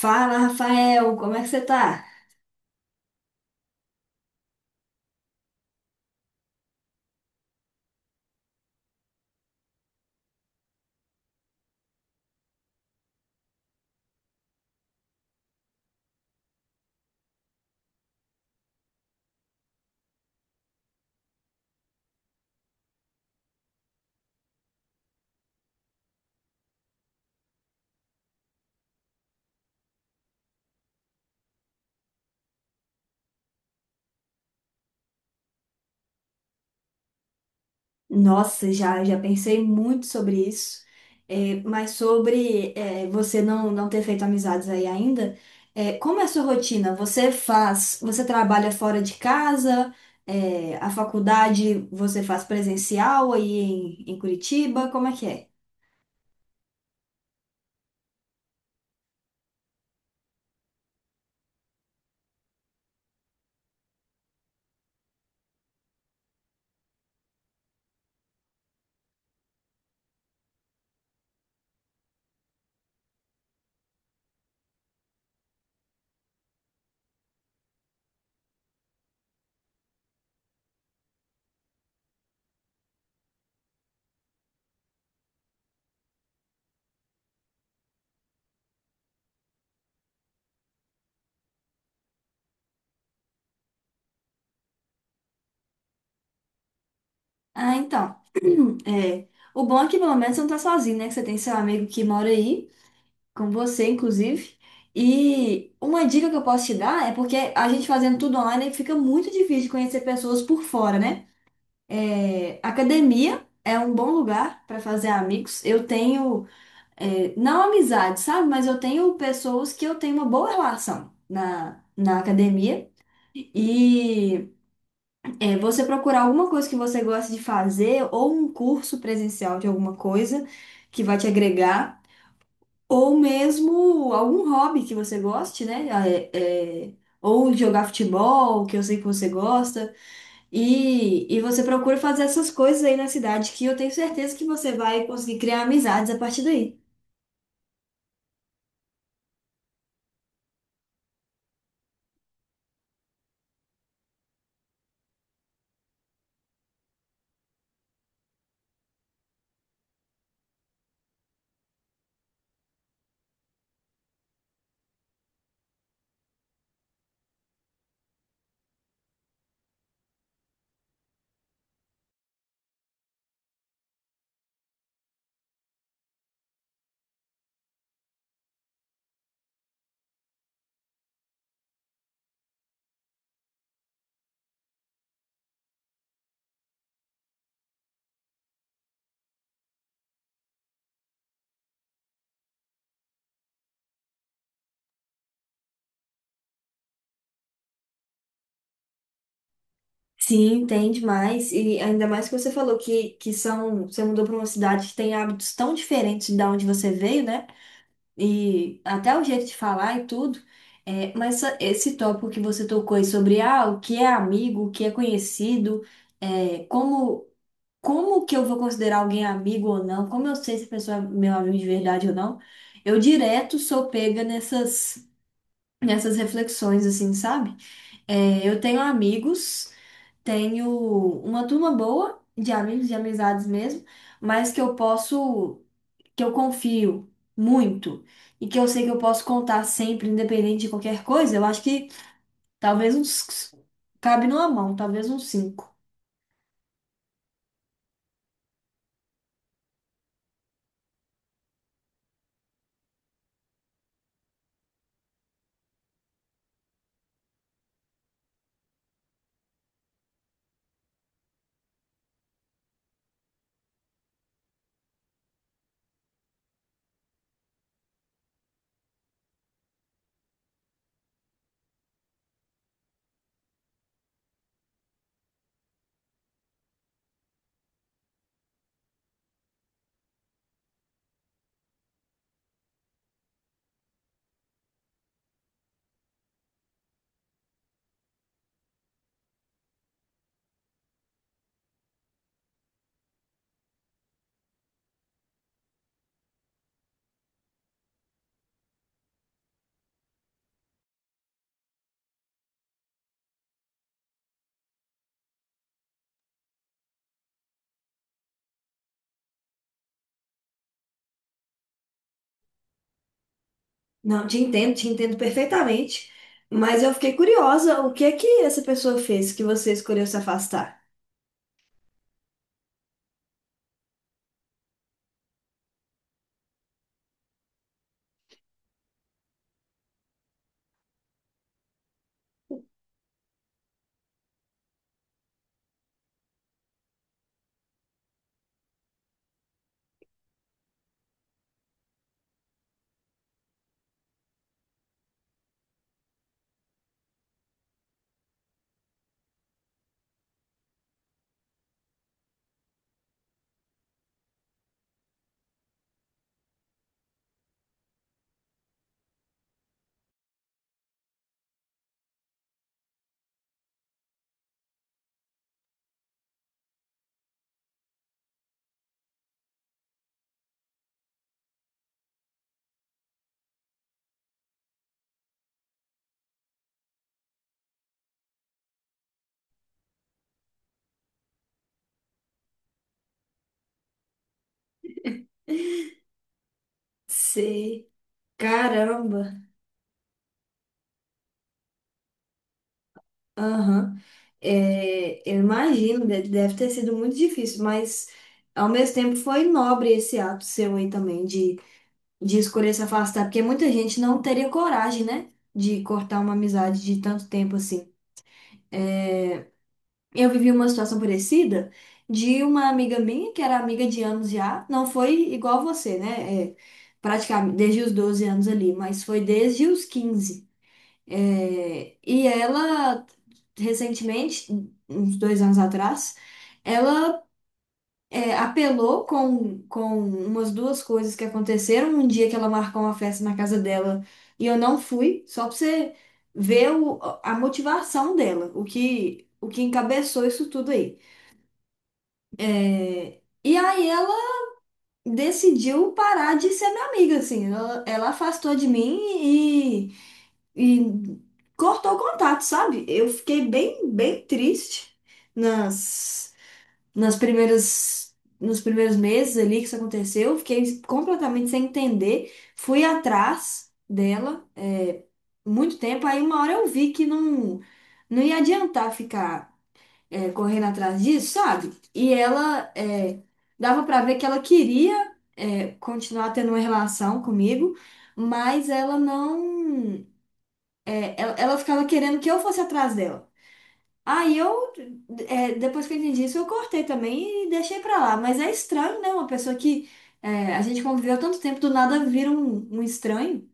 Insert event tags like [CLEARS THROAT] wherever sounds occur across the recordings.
Fala, Rafael, como é que você tá? Nossa, já pensei muito sobre isso. É, mas sobre você não ter feito amizades aí ainda, como é a sua rotina? Você trabalha fora de casa? É, a faculdade você faz presencial aí em Curitiba, como é que é? Ah, então, [CLEARS THROAT] é, o bom é que pelo menos você não tá sozinho, né? Que você tem seu amigo que mora aí com você, inclusive. E uma dica que eu posso te dar é porque a gente fazendo tudo online fica muito difícil conhecer pessoas por fora, né? É, academia é um bom lugar para fazer amigos. Eu tenho, não amizade, sabe? Mas eu tenho pessoas que eu tenho uma boa relação na academia. E você procurar alguma coisa que você gosta de fazer ou um curso presencial de alguma coisa que vai te agregar. Ou mesmo algum hobby que você goste, né? Ah, é, ou jogar futebol, que eu sei que você gosta. E você procura fazer essas coisas aí na cidade, que eu tenho certeza que você vai conseguir criar amizades a partir daí. Sim, tem demais. E ainda mais que você falou você mudou para uma cidade que tem hábitos tão diferentes da onde você veio, né? E até o jeito de falar e tudo. É, mas esse tópico que você tocou aí sobre o que é amigo, o que é conhecido, é, como, como, que eu vou considerar alguém amigo ou não, como eu sei se a pessoa é meu amigo de verdade ou não, eu direto sou pega nessas reflexões, assim, sabe? É, eu tenho amigos, tenho uma turma boa de amigos, de amizades mesmo, mas que eu confio muito e que eu sei que eu posso contar sempre, independente de qualquer coisa. Eu acho que talvez uns cabe numa mão, talvez uns cinco. Não, te entendo perfeitamente. Mas eu fiquei curiosa, o que é que essa pessoa fez que você escolheu se afastar? Sei. Caramba. Aham. É, eu imagino, deve ter sido muito difícil, mas ao mesmo tempo foi nobre esse ato seu aí também, de escolher se afastar, porque muita gente não teria coragem, né, de cortar uma amizade de tanto tempo assim. Eu vivi uma situação parecida de uma amiga minha, que era amiga de anos já, não foi igual você, né? É, praticamente desde os 12 anos ali, mas foi desde os 15. É, e ela, recentemente, uns 2 anos atrás, ela apelou com umas duas coisas que aconteceram. Um dia que ela marcou uma festa na casa dela e eu não fui, só pra você ver a motivação dela, o que, encabeçou isso tudo aí. É, e aí ela decidiu parar de ser minha amiga, assim. Ela afastou de mim e, e cortou o contato, sabe? Eu fiquei bem, bem triste nas. Nos primeiros meses ali que isso aconteceu. Eu fiquei completamente sem entender. Fui atrás dela, muito tempo. Aí uma hora eu vi que não ia adiantar ficar, é, correndo atrás disso, sabe? E ela, dava pra ver que ela queria, continuar tendo uma relação comigo, mas ela não, é, ela ela ficava querendo que eu fosse atrás dela. Aí eu, depois que eu entendi isso, eu cortei também e deixei pra lá. Mas é estranho, né? Uma pessoa que a gente conviveu tanto tempo, do nada vira um estranho.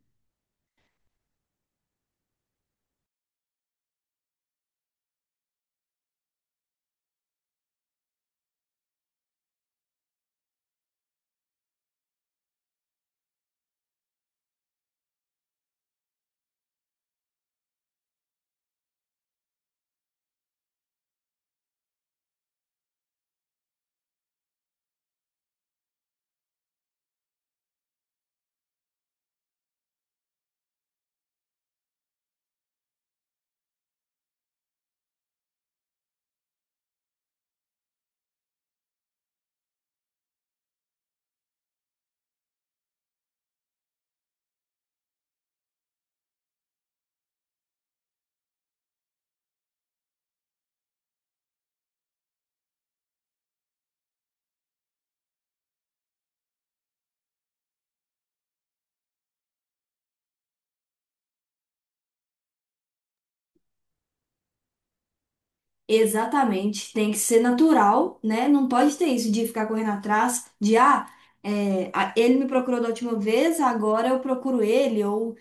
Exatamente. Tem que ser natural, né? Não pode ter isso de ficar correndo atrás, de ele me procurou da última vez, agora eu procuro ele, ou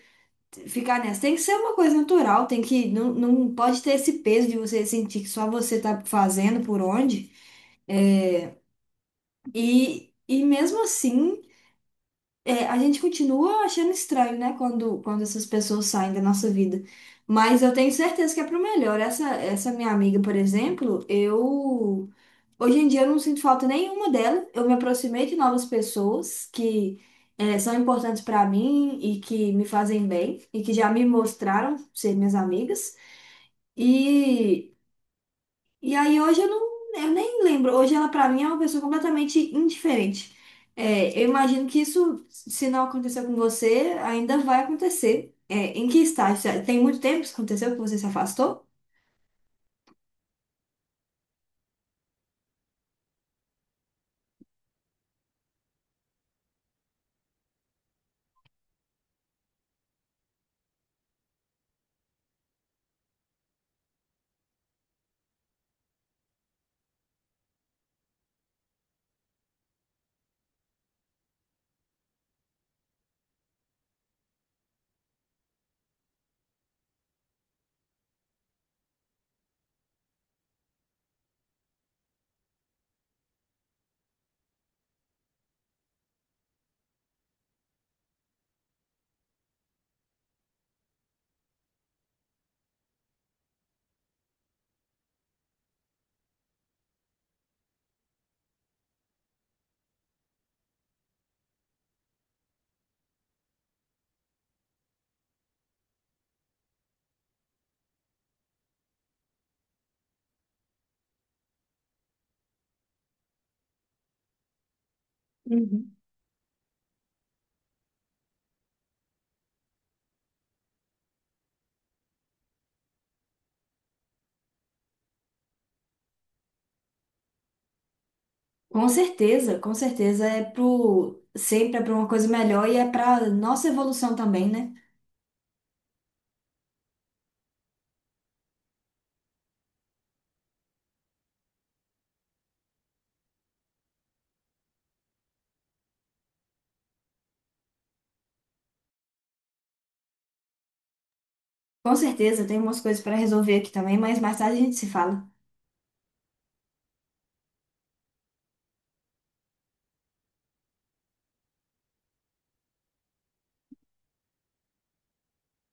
ficar nessa. Tem que ser uma coisa natural, não pode ter esse peso de você sentir que só você tá fazendo por onde. E mesmo assim, é, a gente continua achando estranho, né, quando, essas pessoas saem da nossa vida. Mas eu tenho certeza que é pro melhor. Essa minha amiga, por exemplo, eu. Hoje em dia eu não sinto falta nenhuma dela. Eu me aproximei de novas pessoas que são importantes pra mim e que me fazem bem e que já me mostraram ser minhas amigas. E e aí hoje eu nem lembro. Hoje ela pra mim é uma pessoa completamente indiferente. É, eu imagino que isso, se não aconteceu com você, ainda vai acontecer. É, em que estágio? Tem muito tempo que isso aconteceu, que você se afastou? Uhum. Com certeza é pro sempre é para uma coisa melhor e é para nossa evolução também, né? Com certeza, tem umas coisas para resolver aqui também, mas mais tarde a gente se fala.